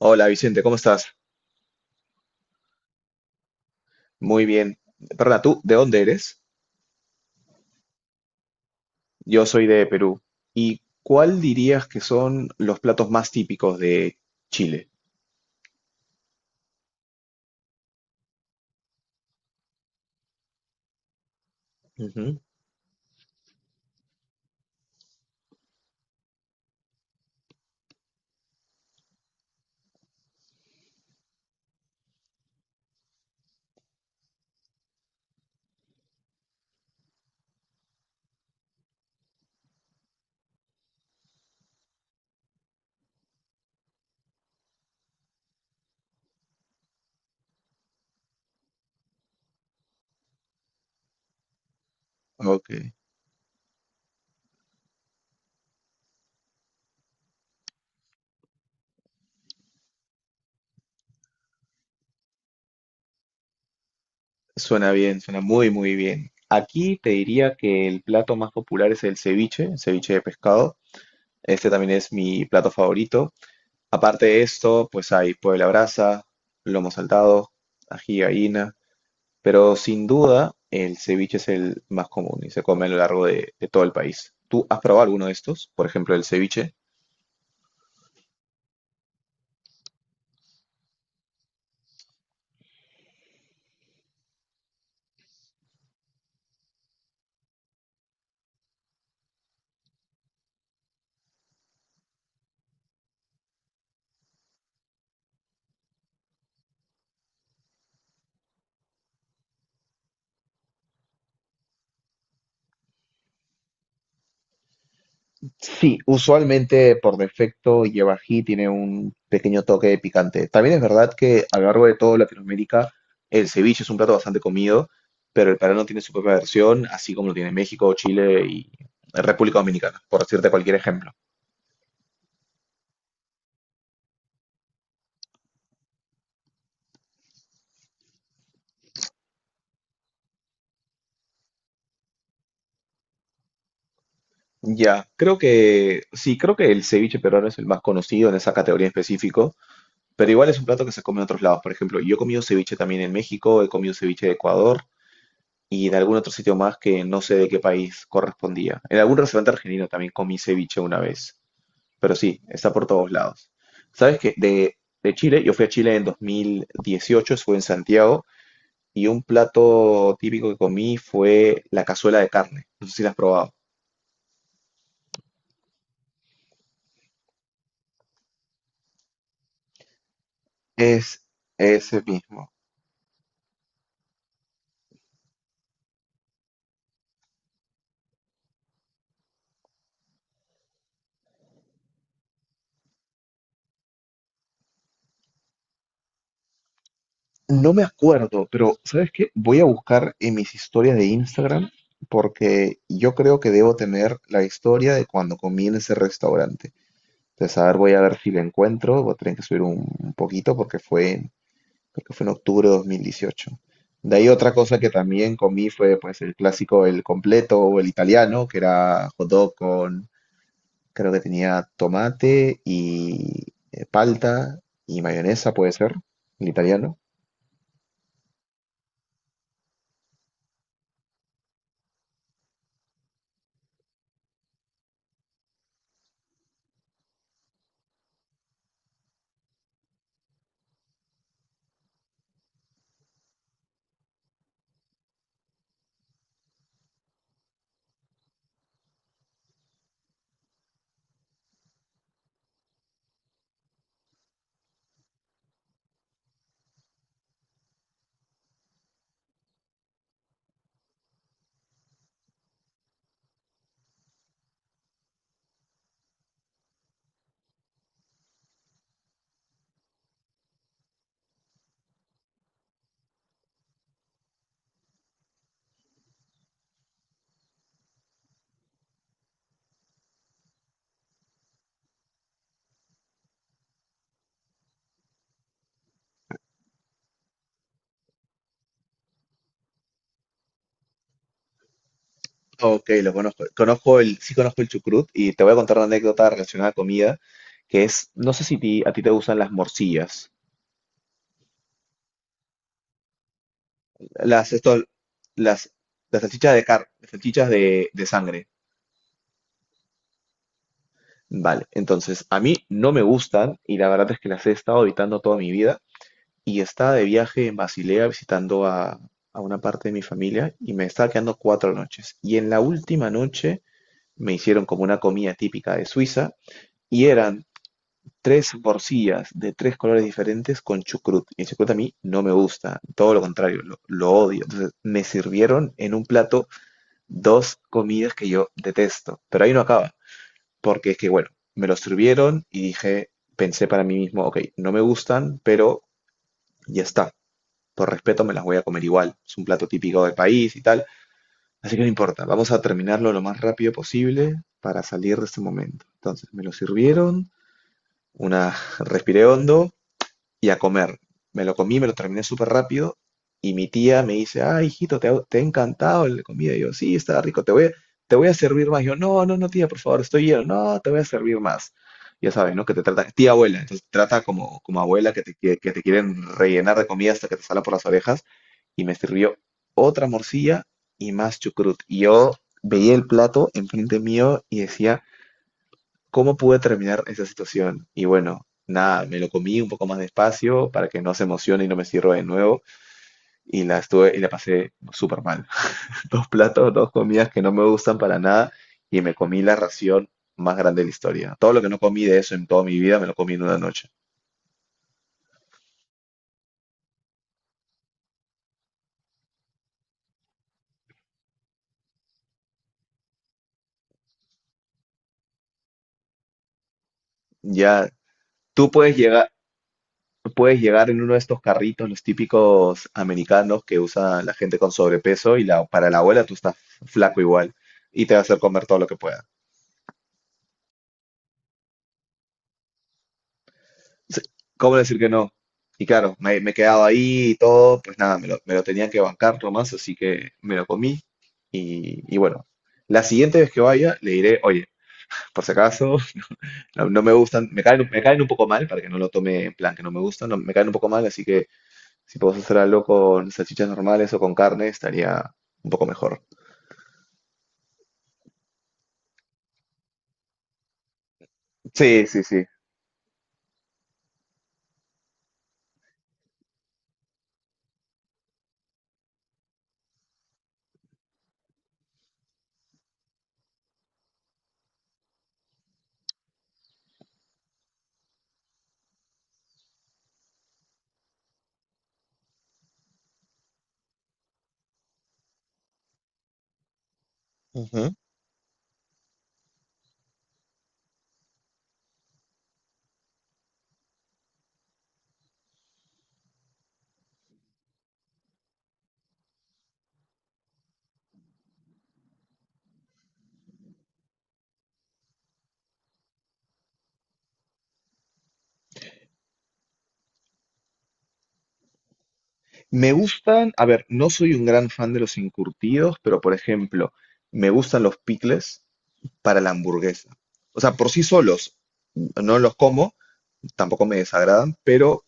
Hola Vicente, ¿cómo estás? Muy bien. Perdona, ¿tú de dónde eres? Yo soy de Perú. ¿Y cuál dirías que son los platos más típicos de Chile? Ujú. Ok, suena bien, suena muy, muy bien. Aquí te diría que el plato más popular es el ceviche de pescado. Este también es mi plato favorito. Aparte de esto, pues hay puebla brasa, lomo saltado, ají de gallina. Pero sin duda, el ceviche es el más común y se come a lo largo de todo el país. ¿Tú has probado alguno de estos? Por ejemplo, el ceviche. Sí, usualmente por defecto lleva ají, tiene un pequeño toque de picante. También es verdad que a lo largo de toda Latinoamérica el ceviche es un plato bastante comido, pero el peruano tiene su propia versión, así como lo tiene México, Chile y República Dominicana, por decirte cualquier ejemplo. Ya, creo que sí, creo que el ceviche peruano es el más conocido en esa categoría específica. Pero igual es un plato que se come en otros lados. Por ejemplo, yo he comido ceviche también en México, he comido ceviche de Ecuador y en algún otro sitio más que no sé de qué país correspondía. En algún restaurante argentino también comí ceviche una vez. Pero sí, está por todos lados. ¿Sabes qué? De Chile, yo fui a Chile en 2018, estuve en Santiago y un plato típico que comí fue la cazuela de carne. No sé si la has probado. Es ese mismo. No me acuerdo, pero ¿sabes qué? Voy a buscar en mis historias de Instagram porque yo creo que debo tener la historia de cuando comí en ese restaurante. Entonces, a ver, voy a ver si la encuentro. Voy a tener que subir un poquito porque creo que fue en octubre de 2018. De ahí otra cosa que también comí fue pues el clásico, el completo o el italiano, que era hot dog con, creo que tenía tomate y palta y mayonesa, puede ser, el italiano. Ok, lo conozco. Conozco el, sí conozco el chucrut y te voy a contar una anécdota relacionada a comida, que es, no sé si a ti te gustan las morcillas, las, esto, las, las salchichas de car, las salchichas de sangre. Vale, entonces a mí no me gustan y la verdad es que las he estado evitando toda mi vida y estaba de viaje en Basilea visitando a una parte de mi familia y me estaba quedando 4 noches. Y en la última noche me hicieron como una comida típica de Suiza y eran tres morcillas de tres colores diferentes con chucrut. Y el chucrut a mí no me gusta, todo lo contrario, lo odio. Entonces me sirvieron en un plato dos comidas que yo detesto, pero ahí no acaba, porque es que, bueno, me lo sirvieron y dije, pensé para mí mismo, ok, no me gustan, pero ya está. Por respeto me las voy a comer igual. Es un plato típico del país y tal. Así que no importa. Vamos a terminarlo lo más rápido posible para salir de este momento. Entonces me lo sirvieron. Una respiré hondo, y a comer. Me lo comí, me lo terminé súper rápido y mi tía me dice, ah, hijito, te ha encantado la comida. Y yo, sí, está rico, te voy a servir más. Yo, no, no, no, tía, por favor, estoy lleno. No, te voy a servir más. Ya sabes, ¿no? Que te trata, tía abuela, entonces te trata como, como abuela que te, que te quieren rellenar de comida hasta que te sala por las orejas. Y me sirvió otra morcilla y más chucrut. Y yo veía el plato enfrente mío y decía, cómo pude terminar esa situación. Y bueno, nada, me lo comí un poco más despacio para que no se emocione y no me sirva de nuevo. Y la estuve y la pasé súper mal. Dos platos, dos comidas que no me gustan para nada y me comí la ración más grande de la historia. Todo lo que no comí de eso en toda mi vida me lo comí en una noche. Ya, tú puedes llegar en uno de estos carritos, los típicos americanos que usa la gente con sobrepeso y la, para la abuela tú estás flaco igual y te va a hacer comer todo lo que puedas. Sí, ¿cómo decir que no? Y claro, me he quedado ahí y todo, pues nada, me lo tenía que bancar nomás, así que me lo comí. Y bueno, la siguiente vez que vaya le diré, oye, por si acaso, no, no me gustan, me caen un poco mal, para que no lo tome en plan que no me gustan, no, me caen un poco mal, así que si puedo hacer algo con salchichas normales o con carne, estaría un poco mejor. Sí, sí, sí. Ujú. Me gustan, a ver, no soy un gran fan de los encurtidos, pero por ejemplo, me gustan los picles, para la hamburguesa. O sea, por sí solos no los como, tampoco me desagradan, pero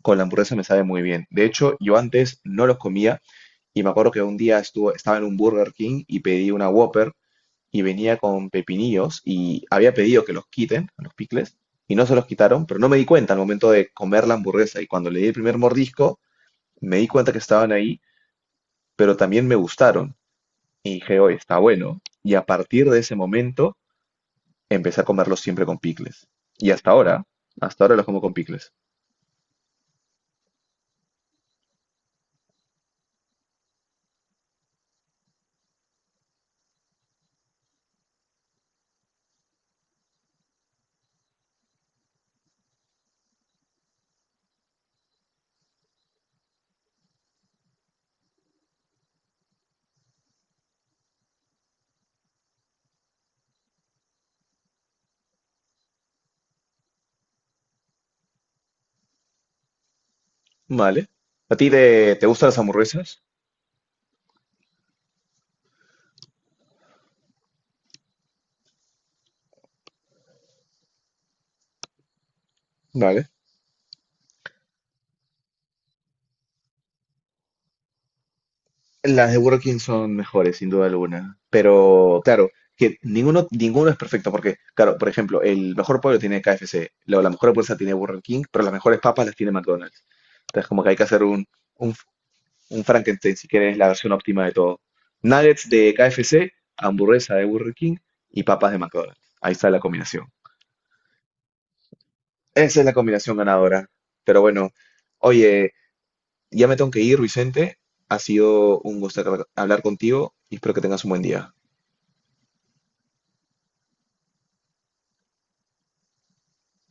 con la hamburguesa me sabe muy bien. De hecho, yo antes no los comía y me acuerdo que un día estaba en un Burger King y pedí una Whopper y venía con pepinillos y había pedido que los quiten, los picles, y no se los quitaron, pero no me di cuenta al momento de comer la hamburguesa y cuando le di el primer mordisco me di cuenta que estaban ahí, pero también me gustaron y dije, oye, está bueno. Y a partir de ese momento empecé a comerlos siempre con picles. Y hasta ahora los como con picles. Vale. ¿A ti te, te gustan las hamburguesas? Vale. Las de Burger King son mejores, sin duda alguna. Pero, claro, que ninguno, ninguno es perfecto, porque, claro, por ejemplo, el mejor pollo tiene KFC, luego la mejor hamburguesa tiene Burger King, pero las mejores papas las tiene McDonald's. Entonces, como que hay que hacer un, un, un Frankenstein, si quieres, la versión óptima de todo. Nuggets de KFC, hamburguesa de Burger King y papas de McDonald's. Ahí está la combinación. Esa es la combinación ganadora. Pero bueno, oye, ya me tengo que ir, Vicente. Ha sido un gusto hablar contigo y espero que tengas un buen día.